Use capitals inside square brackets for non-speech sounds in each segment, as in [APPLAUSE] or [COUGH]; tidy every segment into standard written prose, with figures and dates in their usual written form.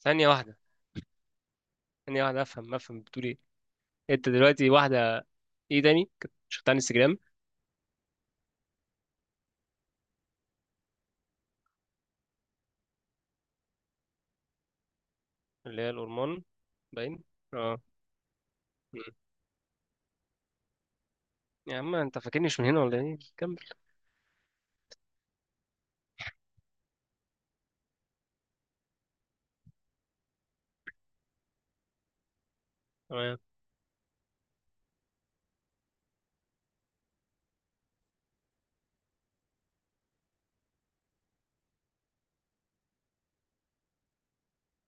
ثانية واحدة ثانية واحدة، أفهم بتقول إيه؟ أنت دلوقتي واحدة. إيه تاني؟ كنت شفتها على الانستجرام؟ اللي هي الأورمون. باين. أه. مم. يا عم أنت فاكرني مش من هنا ولا إيه؟ كمل. تمام.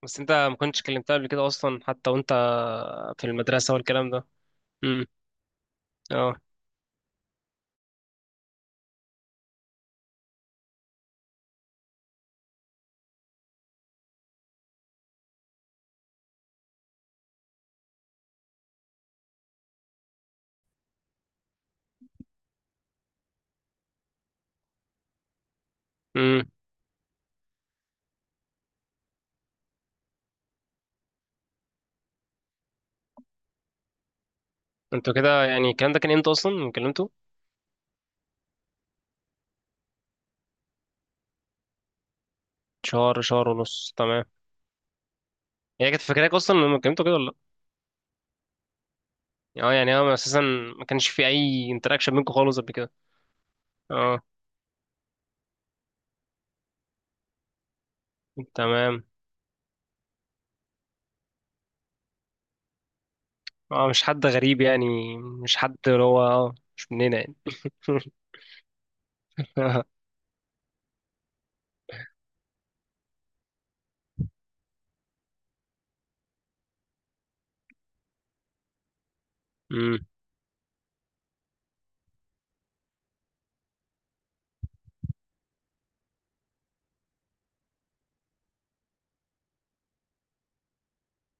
بس أنت ما كنتش كلمتها قبل كده أصلا، حتى وأنت في المدرسة والكلام ده؟ مم. أه. مم. أنتوا كده يعني الكلام ده كان إمتى أصلا لما كلمته؟ شهر، شهر ونص، تمام. هي كانت فاكراك أصلا لما كلمته كده، ولا؟ لأ. أه، يعني هو أساسا ما كانش في أي انتراكشن بينكم خالص قبل كده؟ أه، تمام. اه، مش حد غريب، يعني مش حد اللي هو مش مننا يعني. [LAUGHS] امم.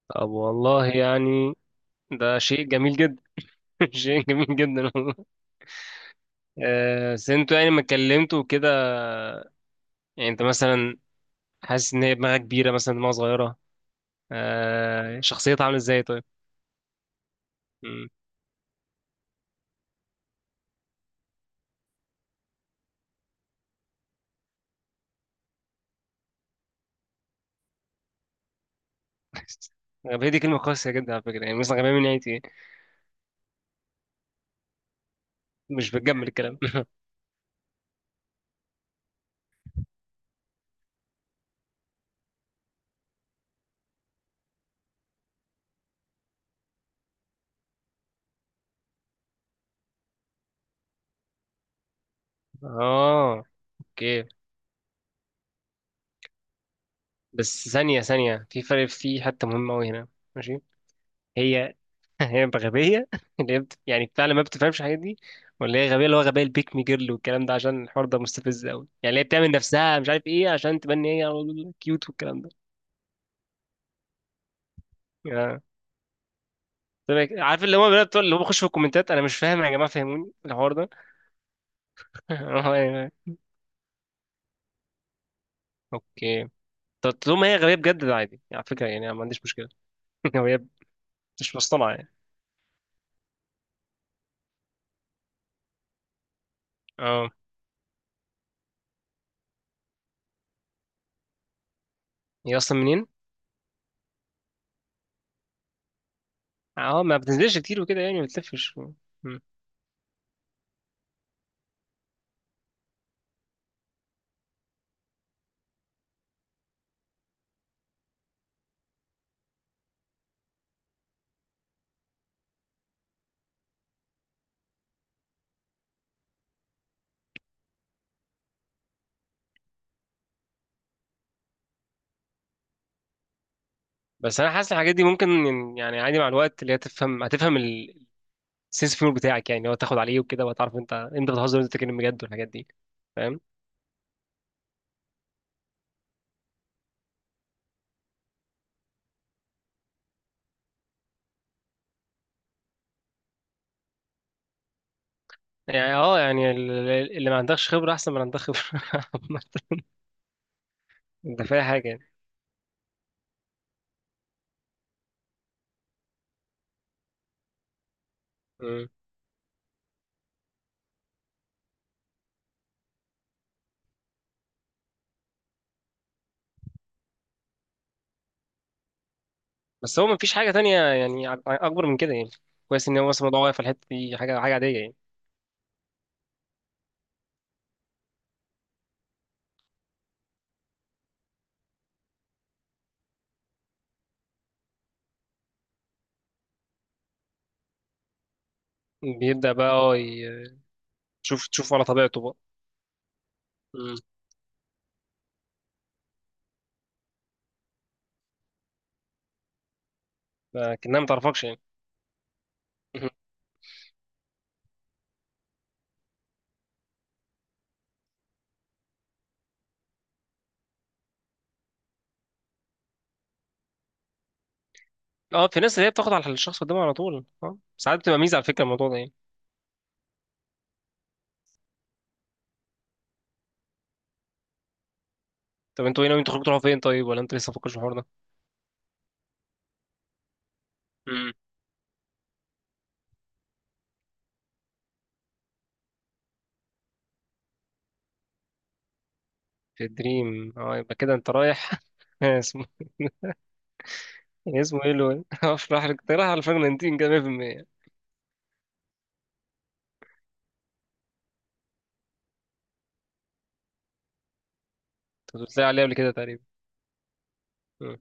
طب والله يعني ده شيء جميل جدا. [LAUGHS] شيء جميل جدا والله. بس انتوا يعني ما اتكلمتوا كده، يعني انت مثلا حاسس ان هي دماغها كبيره مثلا دماغها صغيره؟ شخصيتها عامله ازاي طيب؟ امم. [LAUGHS] غبية دي كلمة قاسية جدا على فكرة، يعني مثلا غبية من ناحية ايه؟ مش بتجمل الكلام. [LAUGHS] اه، اوكي. بس ثانية ثانية، في فرق، في حتة مهمة أوي هنا. ماشي. هي. [LAUGHS] هي غبية، اللي هي يعني فعلا ما بتفهمش الحاجات دي، ولا هي غبية اللي هو غبية البيك مي جيرل والكلام ده؟ عشان الحوار ده مستفز قوي، يعني اللي هي بتعمل نفسها مش عارف ايه عشان تبني هي كيوت والكلام ده. آه. طب إيه، عارف اللي هو الولاد بتوع اللي هو بيخشوا في الكومنتات؟ انا مش فاهم يا جماعة، فهموني الحوار ده. [LAUGHS] يعني اوكي. طب طول ما هي غبية بجد، ده عادي يعني، على فكرة يعني أنا ما عنديش مشكلة. [LAUGHS] لو هي مش مصطنعة يعني. اه. هي اصلا منين؟ اه، ما بتنزلش كتير وكده، يعني ما بتلفش. مم. بس انا حاسس الحاجات دي ممكن يعني عادي، مع الوقت اللي هي تفهم هتفهم سينس فيور بتاعك، يعني هو تاخد عليه وكده وتعرف انت بتهزر وانت بتتكلم بجد والحاجات دي. فاهم؟ يعني اه، يعني اللي ما عندكش خبره احسن من اللي عندك خبره. [LAUGHS] عامة. انت فاهم حاجه يعني. مم. بس هو ما فيش حاجه تانية يعني اكبر من كده يعني؟ كويس ان هو مثلا الموضوع واقف في الحته دي، حاجه حاجه عاديه يعني. بيبدا بقى، تشوف تشوف على طبيعته بقى. مم. لكنها ما تعرفكش يعني. مهم. اه، في ناس اللي هي بتاخد على الشخص قدامها على طول، ساعات بتبقى ميزه على فكره الموضوع ده يعني. طب انتوا ايه ناويين تخرجوا تروحوا فين طيب، ولا انتوا لسه مفكرش في الحوار ده؟ في دريم؟ اه يبقى كده انت رايح. [LAUGHS] اسمه اسمه ايه لو [LAUGHS] افرح لك انت [LAUGHS] رايح على الفرنتين كده 100%. انت كنت بتلاقي عليه قبل كده تقريبا؟ مم.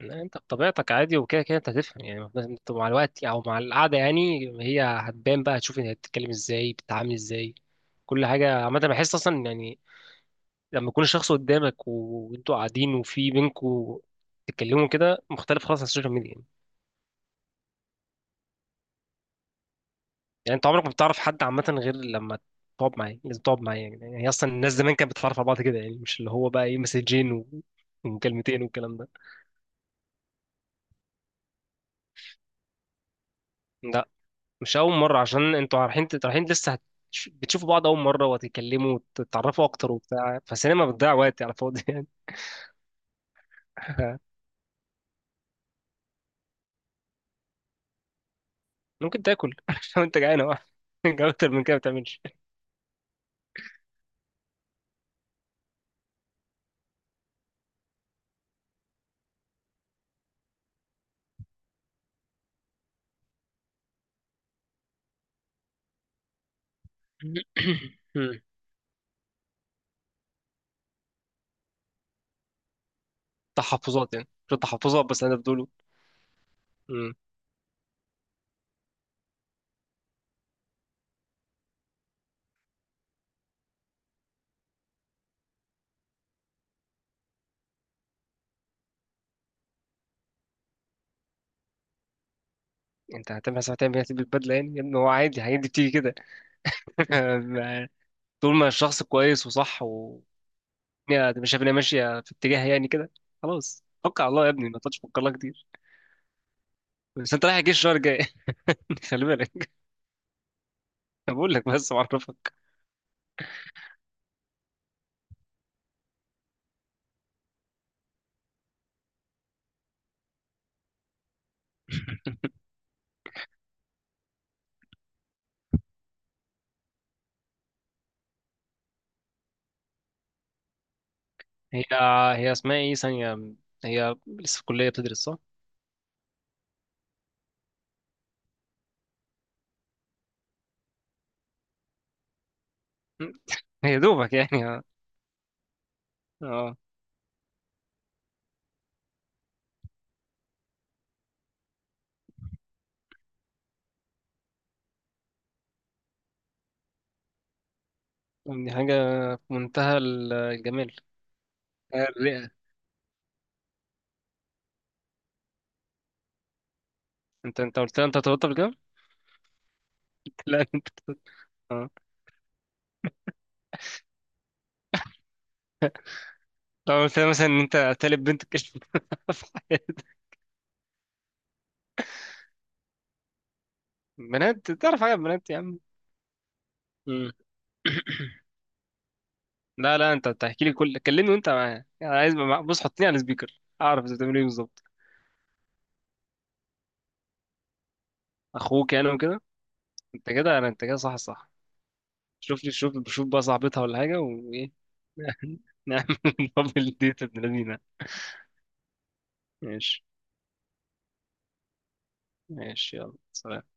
لا، انت بطبيعتك عادي، وكده كده انت هتفهم، يعني لازم انت مع الوقت او مع القعده، يعني هي هتبان بقى، هتشوف هي بتتكلم ازاي، بتتعامل ازاي. كل حاجه عامه بحس اصلا يعني، لما يكون الشخص قدامك و- وانتوا قاعدين وفي بينكوا تتكلموا كده، مختلف خالص عن السوشيال ميديا. يعني انت عمرك ما بتعرف حد عامه غير لما تقعد معاه، لازم تقعد معاه يعني اصلا الناس زمان كانت بتتعرف على بعض كده، يعني مش اللي هو بقى ايه، مسجين و- ومكالمتين والكلام ده. لا، مش اول مره، عشان انتوا رايحين لسه بتشوفوا بعض اول مره وتتكلموا وتتعرفوا اكتر وبتاع، فالسينما بتضيع وقت على الفاضي يعني. [LAUGHS] ممكن تاكل [LAUGHS] لو انت جعان أوي. [LAUGHS] اكتر من كده ما بتعملش. [COUGHS] مم. تحفظات يعني، شو تحفظات بس انا بقوله. مم. انت هتعمل حساب، هتعمل هتلبس بدله يعني يا ابني، هو عادي هيدي بتيجي كده. [LAUGHS] طول ما الشخص كويس وصح، و يعني مش شايف ان هي ماشيه في اتجاه يعني كده، خلاص توكل على الله يا ابني، ما تقعدش تفكر لها كتير. بس انت رايح الجيش الشهر الجاي. [LAUGHS] خلي بالك. أنا بقول لك بس معرفك. هي هي اسمها ايه ثانيه؟ هي لسه في الكليه بتدرس صح؟ [LAUGHS] هي دوبك يعني، اه. آه. دي حاجه في منتهى الجمال. الرئه. انت قلت لها انت ارتبطت قبل كده؟ [LAUGHS] لا انت. اه. لو قلت لها مثلا ان انت تالت بنت كده [LAUGHS] في حياتك. بنات تعرف حاجه، بنات يا عم. مم. [COUGHS] لا لا، انت بتحكي لي كل، كلمني وانت معايا، انا عايز بص حطني على السبيكر اعرف انت بتعمل ايه بالظبط. اخوك يعني وكده. انت كده انا، انت كده، صح صح. شوف لي، شوف شوف بقى صاحبتها ولا حاجه وايه. [LAUGHS] نعمل دبل ديت ابن لذينه. ماشي. ماشي يلا سلام.